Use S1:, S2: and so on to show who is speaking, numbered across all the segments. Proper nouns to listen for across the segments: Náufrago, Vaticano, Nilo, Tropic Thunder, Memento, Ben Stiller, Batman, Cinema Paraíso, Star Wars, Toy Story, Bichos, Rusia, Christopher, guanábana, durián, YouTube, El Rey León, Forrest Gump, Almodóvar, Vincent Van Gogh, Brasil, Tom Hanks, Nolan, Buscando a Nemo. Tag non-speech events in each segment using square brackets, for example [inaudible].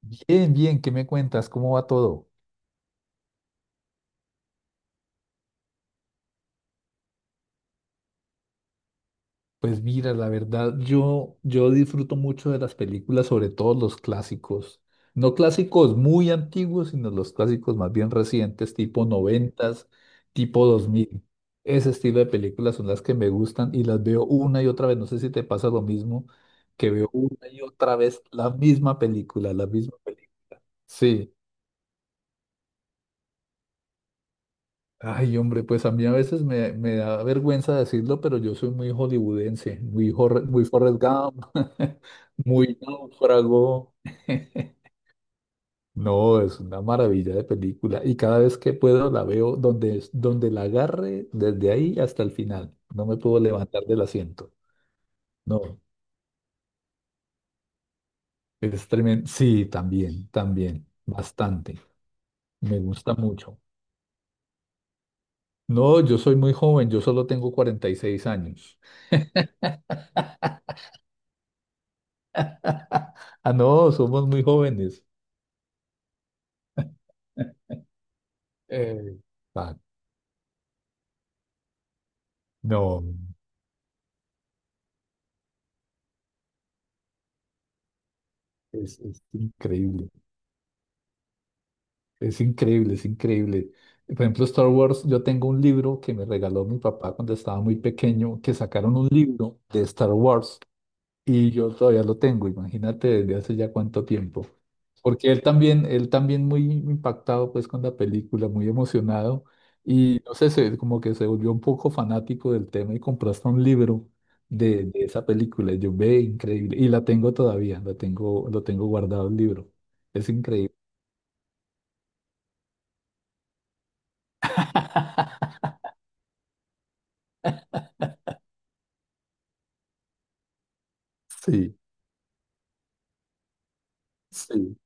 S1: Bien, bien, ¿qué me cuentas? ¿Cómo va todo? Pues mira, la verdad, yo disfruto mucho de las películas, sobre todo los clásicos. No clásicos muy antiguos, sino los clásicos más bien recientes, tipo noventas, tipo 2000. Ese estilo de películas son las que me gustan y las veo una y otra vez. No sé si te pasa lo mismo, que veo una y otra vez la misma película, la misma película. Sí. Ay, hombre, pues a mí a veces me da vergüenza decirlo, pero yo soy muy hollywoodense, muy, muy Forrest Gump, [laughs] muy náufrago. [laughs] No, es una maravilla de película y cada vez que puedo la veo donde, donde la agarre, desde ahí hasta el final. No me puedo levantar del asiento. No, es tremendo. Sí, también, también, bastante. Me gusta mucho. No, yo soy muy joven, yo solo tengo 46 años. [laughs] [laughs] Ah, no, somos muy jóvenes. Eh, Ah, no, es increíble, es increíble, es increíble. Por ejemplo, Star Wars, yo tengo un libro que me regaló mi papá cuando estaba muy pequeño, que sacaron un libro de Star Wars y yo todavía lo tengo, imagínate desde hace ya cuánto tiempo. Porque él también muy impactado pues con la película, muy emocionado y no sé, como que se volvió un poco fanático del tema y compró hasta un libro de esa película. Y yo ve, increíble. Y la tengo todavía, la tengo, lo tengo guardado el libro. Es increíble. [laughs] Sí, sí.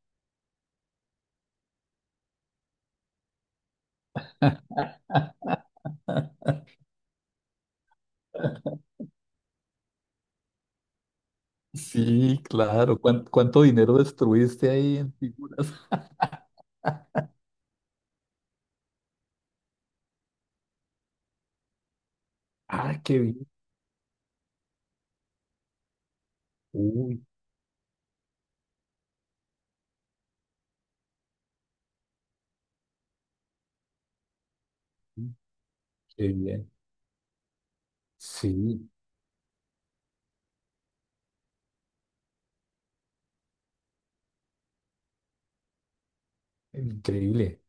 S1: [laughs] Sí, claro. ¿Cuánto dinero destruiste ahí en figuras? Ah, qué bien. Uy, qué bien. Sí, increíble.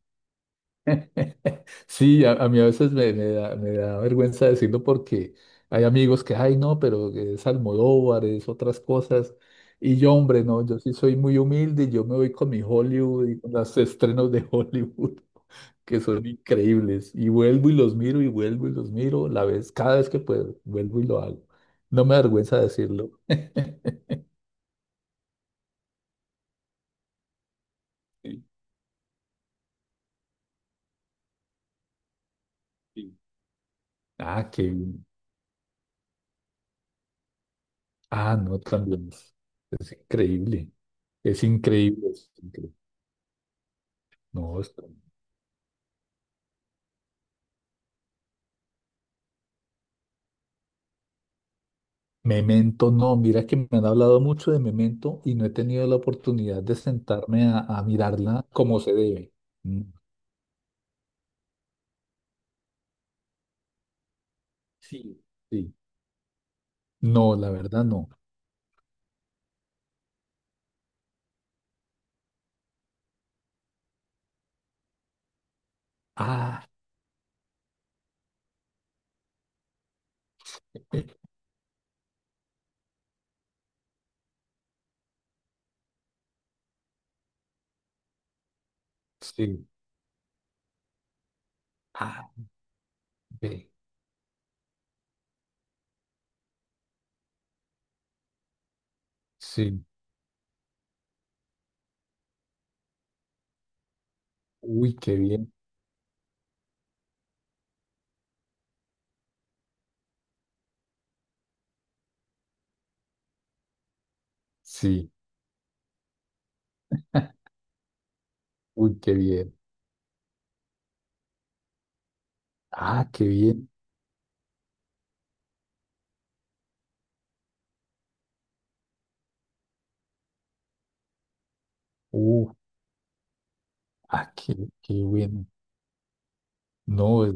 S1: [laughs] Sí, a mí a veces me da vergüenza decirlo porque hay amigos que, ay, no, pero es Almodóvar, es otras cosas. Y yo, hombre, no, yo sí soy muy humilde y yo me voy con mi Hollywood y con los estrenos de Hollywood, [laughs] que son increíbles. Y vuelvo y los miro y vuelvo y los miro la vez, cada vez que puedo, vuelvo y lo hago. No me da vergüenza decirlo. [laughs] Sí, sí. Ah, qué bien. Ah, no, también es increíble. Es increíble, es increíble. No, Memento, no, mira que me han hablado mucho de Memento y no he tenido la oportunidad de sentarme a mirarla como se debe. Mm, sí, sí. No, la verdad no. Ah, eh, sí. Ah, ve, sí. Uy, qué bien. Sí. Uy, qué bien. Ah, qué bien. Uh, ah, qué, qué bueno. No,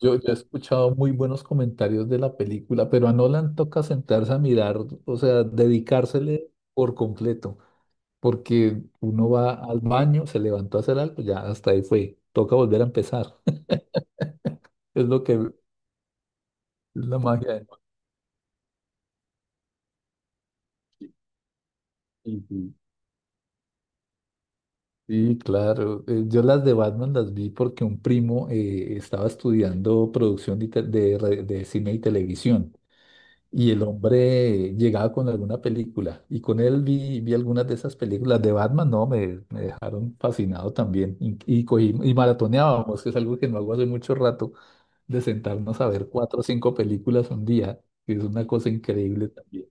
S1: yo he escuchado muy buenos comentarios de la película, pero a Nolan toca sentarse a mirar, o sea, dedicársele por completo. Porque uno va al baño, se levantó a hacer algo, ya hasta ahí fue, toca volver a empezar. [laughs] Es lo que es la magia de Noche. Sí, sí. Sí, claro. Yo las de Batman las vi porque un primo estaba estudiando producción de, te- de re- de cine y televisión y el hombre llegaba con alguna película y con él vi algunas de esas películas de Batman, no, me dejaron fascinado también y y maratoneábamos, que es algo que no hago hace mucho rato. De sentarnos a ver 4 o 5 películas un día, que es una cosa increíble también.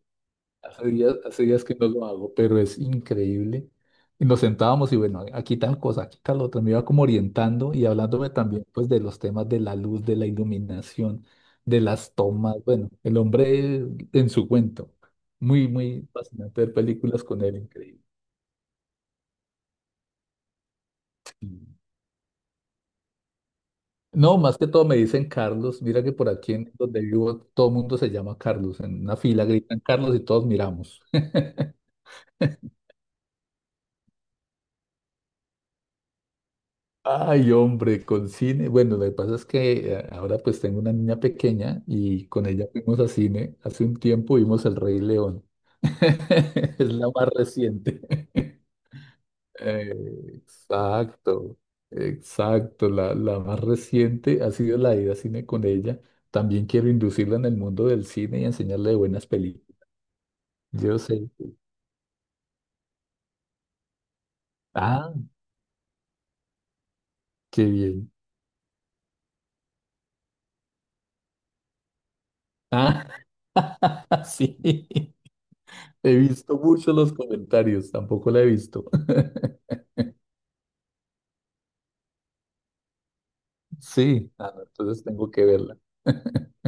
S1: Hace días que no lo hago, pero es increíble. Y nos sentábamos y bueno, aquí tal cosa, aquí tal otra, me iba como orientando y hablándome también pues de los temas de la luz, de la iluminación, de las tomas, bueno, el hombre en su cuento. Muy, muy fascinante ver películas con él, increíble. Sí. No, más que todo me dicen Carlos. Mira que por aquí en donde vivo todo el mundo se llama Carlos. En una fila gritan Carlos y todos miramos. [laughs] Ay, hombre, con cine. Bueno, lo que pasa es que ahora pues tengo una niña pequeña y con ella fuimos a cine. Hace un tiempo vimos El Rey León. [laughs] Es la más reciente. [laughs] Eh, exacto, exacto. La más reciente ha sido la ida a cine con ella. También quiero inducirla en el mundo del cine y enseñarle de buenas películas. Yo sé. Ah, qué bien. Ah, [laughs] sí. He visto mucho los comentarios, tampoco la he visto. [laughs] Sí, ah, no, entonces tengo que verla. [laughs]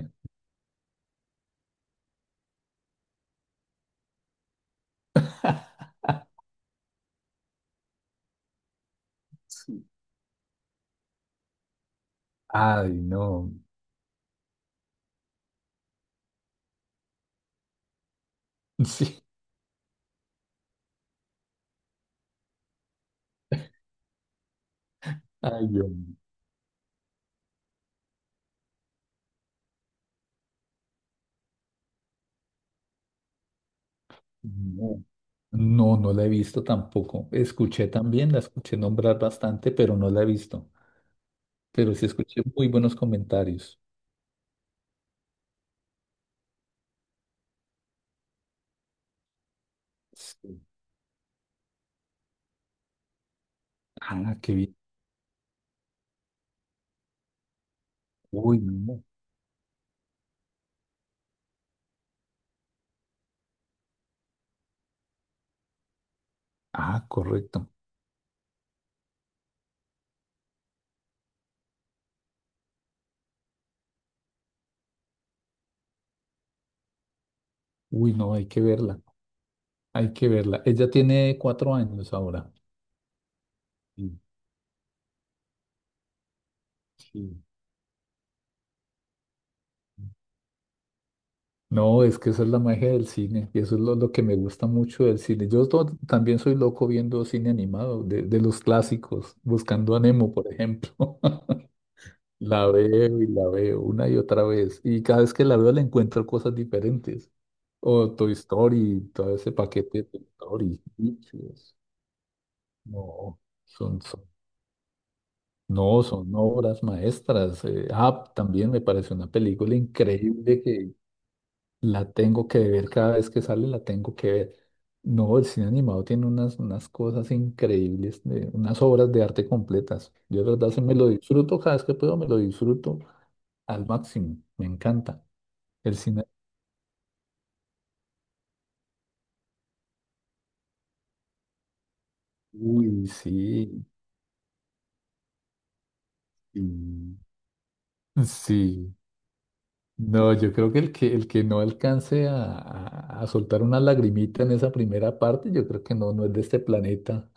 S1: Sí. Ay, no. [laughs] Sí. Ay, yo no. No, no la he visto tampoco. Escuché también, la escuché nombrar bastante, pero no la he visto. Pero sí escuché muy buenos comentarios. Sí. Ah, qué bien. Uy, no. Ah, correcto. Uy, no, hay que verla. Hay que verla. Ella tiene 4 años ahora. Sí, sí. No, es que esa es la magia del cine y eso es lo que me gusta mucho del cine. Yo también soy loco viendo cine animado, de los clásicos, buscando a Nemo, por ejemplo. [laughs] La veo y la veo una y otra vez y cada vez que la veo le encuentro cosas diferentes. O Toy Story, todo ese paquete de Toy Story. Bichos. No, son no, son obras maestras. También me parece una película increíble que la tengo que ver cada vez que sale, la tengo que ver. No, el cine animado tiene unas, unas cosas increíbles, unas obras de arte completas. Yo de verdad sí me lo disfruto cada vez que puedo, me lo disfruto al máximo. Me encanta. El cine. Uy, sí. y- Sí. No, yo creo que el que no alcance a soltar una lagrimita en esa primera parte, yo creo que no, no es de este planeta,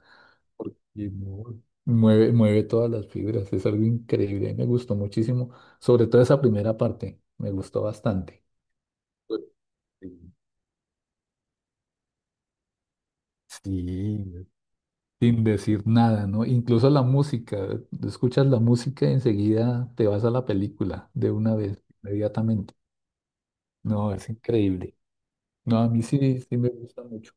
S1: porque no, mueve, mueve todas las fibras, es algo increíble, me gustó muchísimo, sobre todo esa primera parte, me gustó bastante. Pues, sí, sí, sin decir nada, ¿no? Incluso la música, tú escuchas la música y enseguida te vas a la película de una vez, inmediatamente. No, es increíble. No, a mí sí, sí me gusta mucho.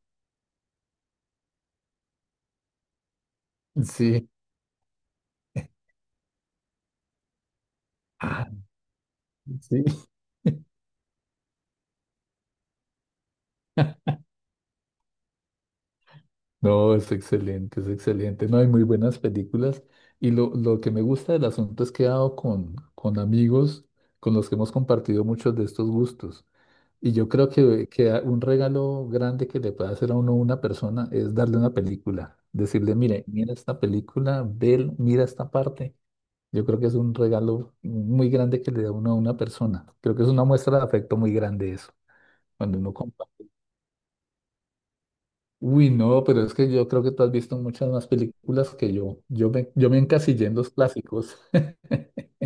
S1: Sí. Sí, [laughs] no, es excelente, es excelente. No hay muy buenas películas. Y lo que me gusta del asunto es que he dado con amigos con los que hemos compartido muchos de estos gustos. Y yo creo que un regalo grande que le puede hacer a uno una persona es darle una película. Decirle, mire, mira esta película, ve, mira esta parte. Yo creo que es un regalo muy grande que le da uno a una persona. Creo que es una muestra de afecto muy grande eso, cuando uno comparte. Uy, no, pero es que yo creo que tú has visto muchas más películas que yo. Yo me encasillé en los clásicos. [laughs]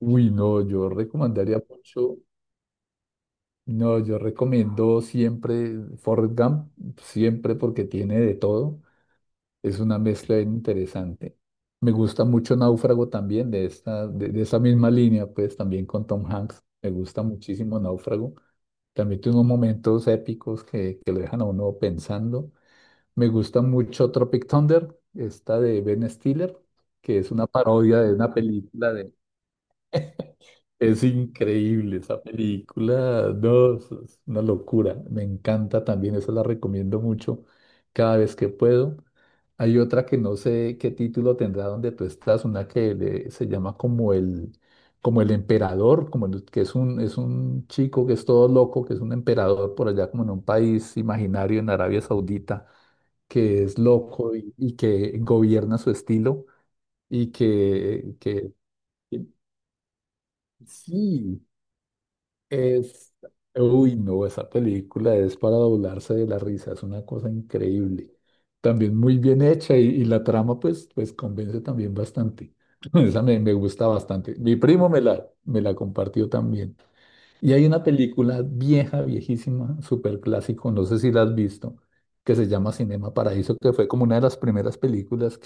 S1: Uy, no, yo recomendaría mucho. No, yo recomiendo siempre Forrest Gump, siempre porque tiene de todo. Es una mezcla bien interesante. Me gusta mucho Náufrago también, de esa misma línea, pues también con Tom Hanks. Me gusta muchísimo Náufrago. También tiene unos momentos épicos que lo dejan a uno pensando. Me gusta mucho Tropic Thunder, esta de Ben Stiller, que es una parodia de una película de... Es increíble esa película, no, es una locura. Me encanta también, esa la recomiendo mucho cada vez que puedo. Hay otra que no sé qué título tendrá donde tú estás, una que se llama como el emperador, que es un chico que es todo loco, que es un emperador por allá como en un país imaginario en Arabia Saudita que es loco y que gobierna su estilo y que, que que- sí, es, uy, no, esa película es para doblarse de la risa, es una cosa increíble. También muy bien hecha y la trama pues, pues convence también bastante. [laughs] Me gusta bastante. Mi primo me la compartió también. Y hay una película vieja, viejísima, súper clásico, no sé si la has visto, que se llama Cinema Paraíso, que fue como una de las primeras películas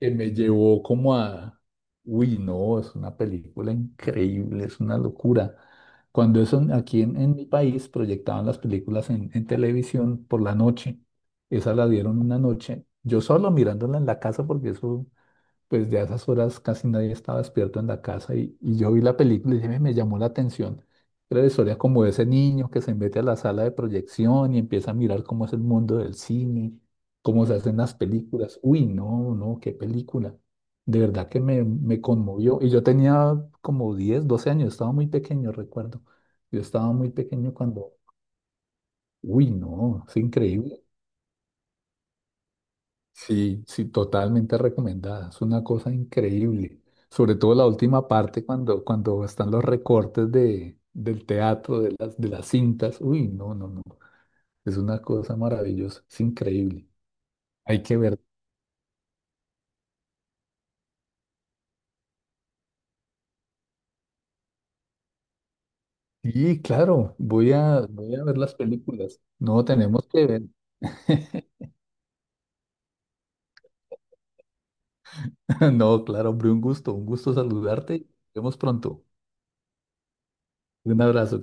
S1: que me llevó como a, uy, no, es una película increíble, es una locura. Cuando eso aquí en mi país proyectaban las películas en televisión por la noche, esa la dieron una noche, yo solo mirándola en la casa porque eso pues ya a esas horas casi nadie estaba despierto en la casa y yo vi la película y dije, "Ve, me llamó la atención. Era la historia como de ese niño que se mete a la sala de proyección y empieza a mirar cómo es el mundo del cine, cómo se hacen las películas. Uy, no, no, qué película. De verdad que me conmovió. Y yo tenía como 10 12 años, estaba muy pequeño, recuerdo. Yo estaba muy pequeño cuando, uy, no, es increíble. Sí, sí, totalmente recomendada. Es una cosa increíble. Sobre todo la última parte cuando, cuando están los recortes del teatro, de las cintas. Uy, no, no, no. Es una cosa maravillosa. Es increíble. Hay que ver. Sí, claro, voy a ver las películas. No, tenemos que ver. [laughs] No, claro, hombre, un gusto saludarte. Nos vemos pronto. Un abrazo.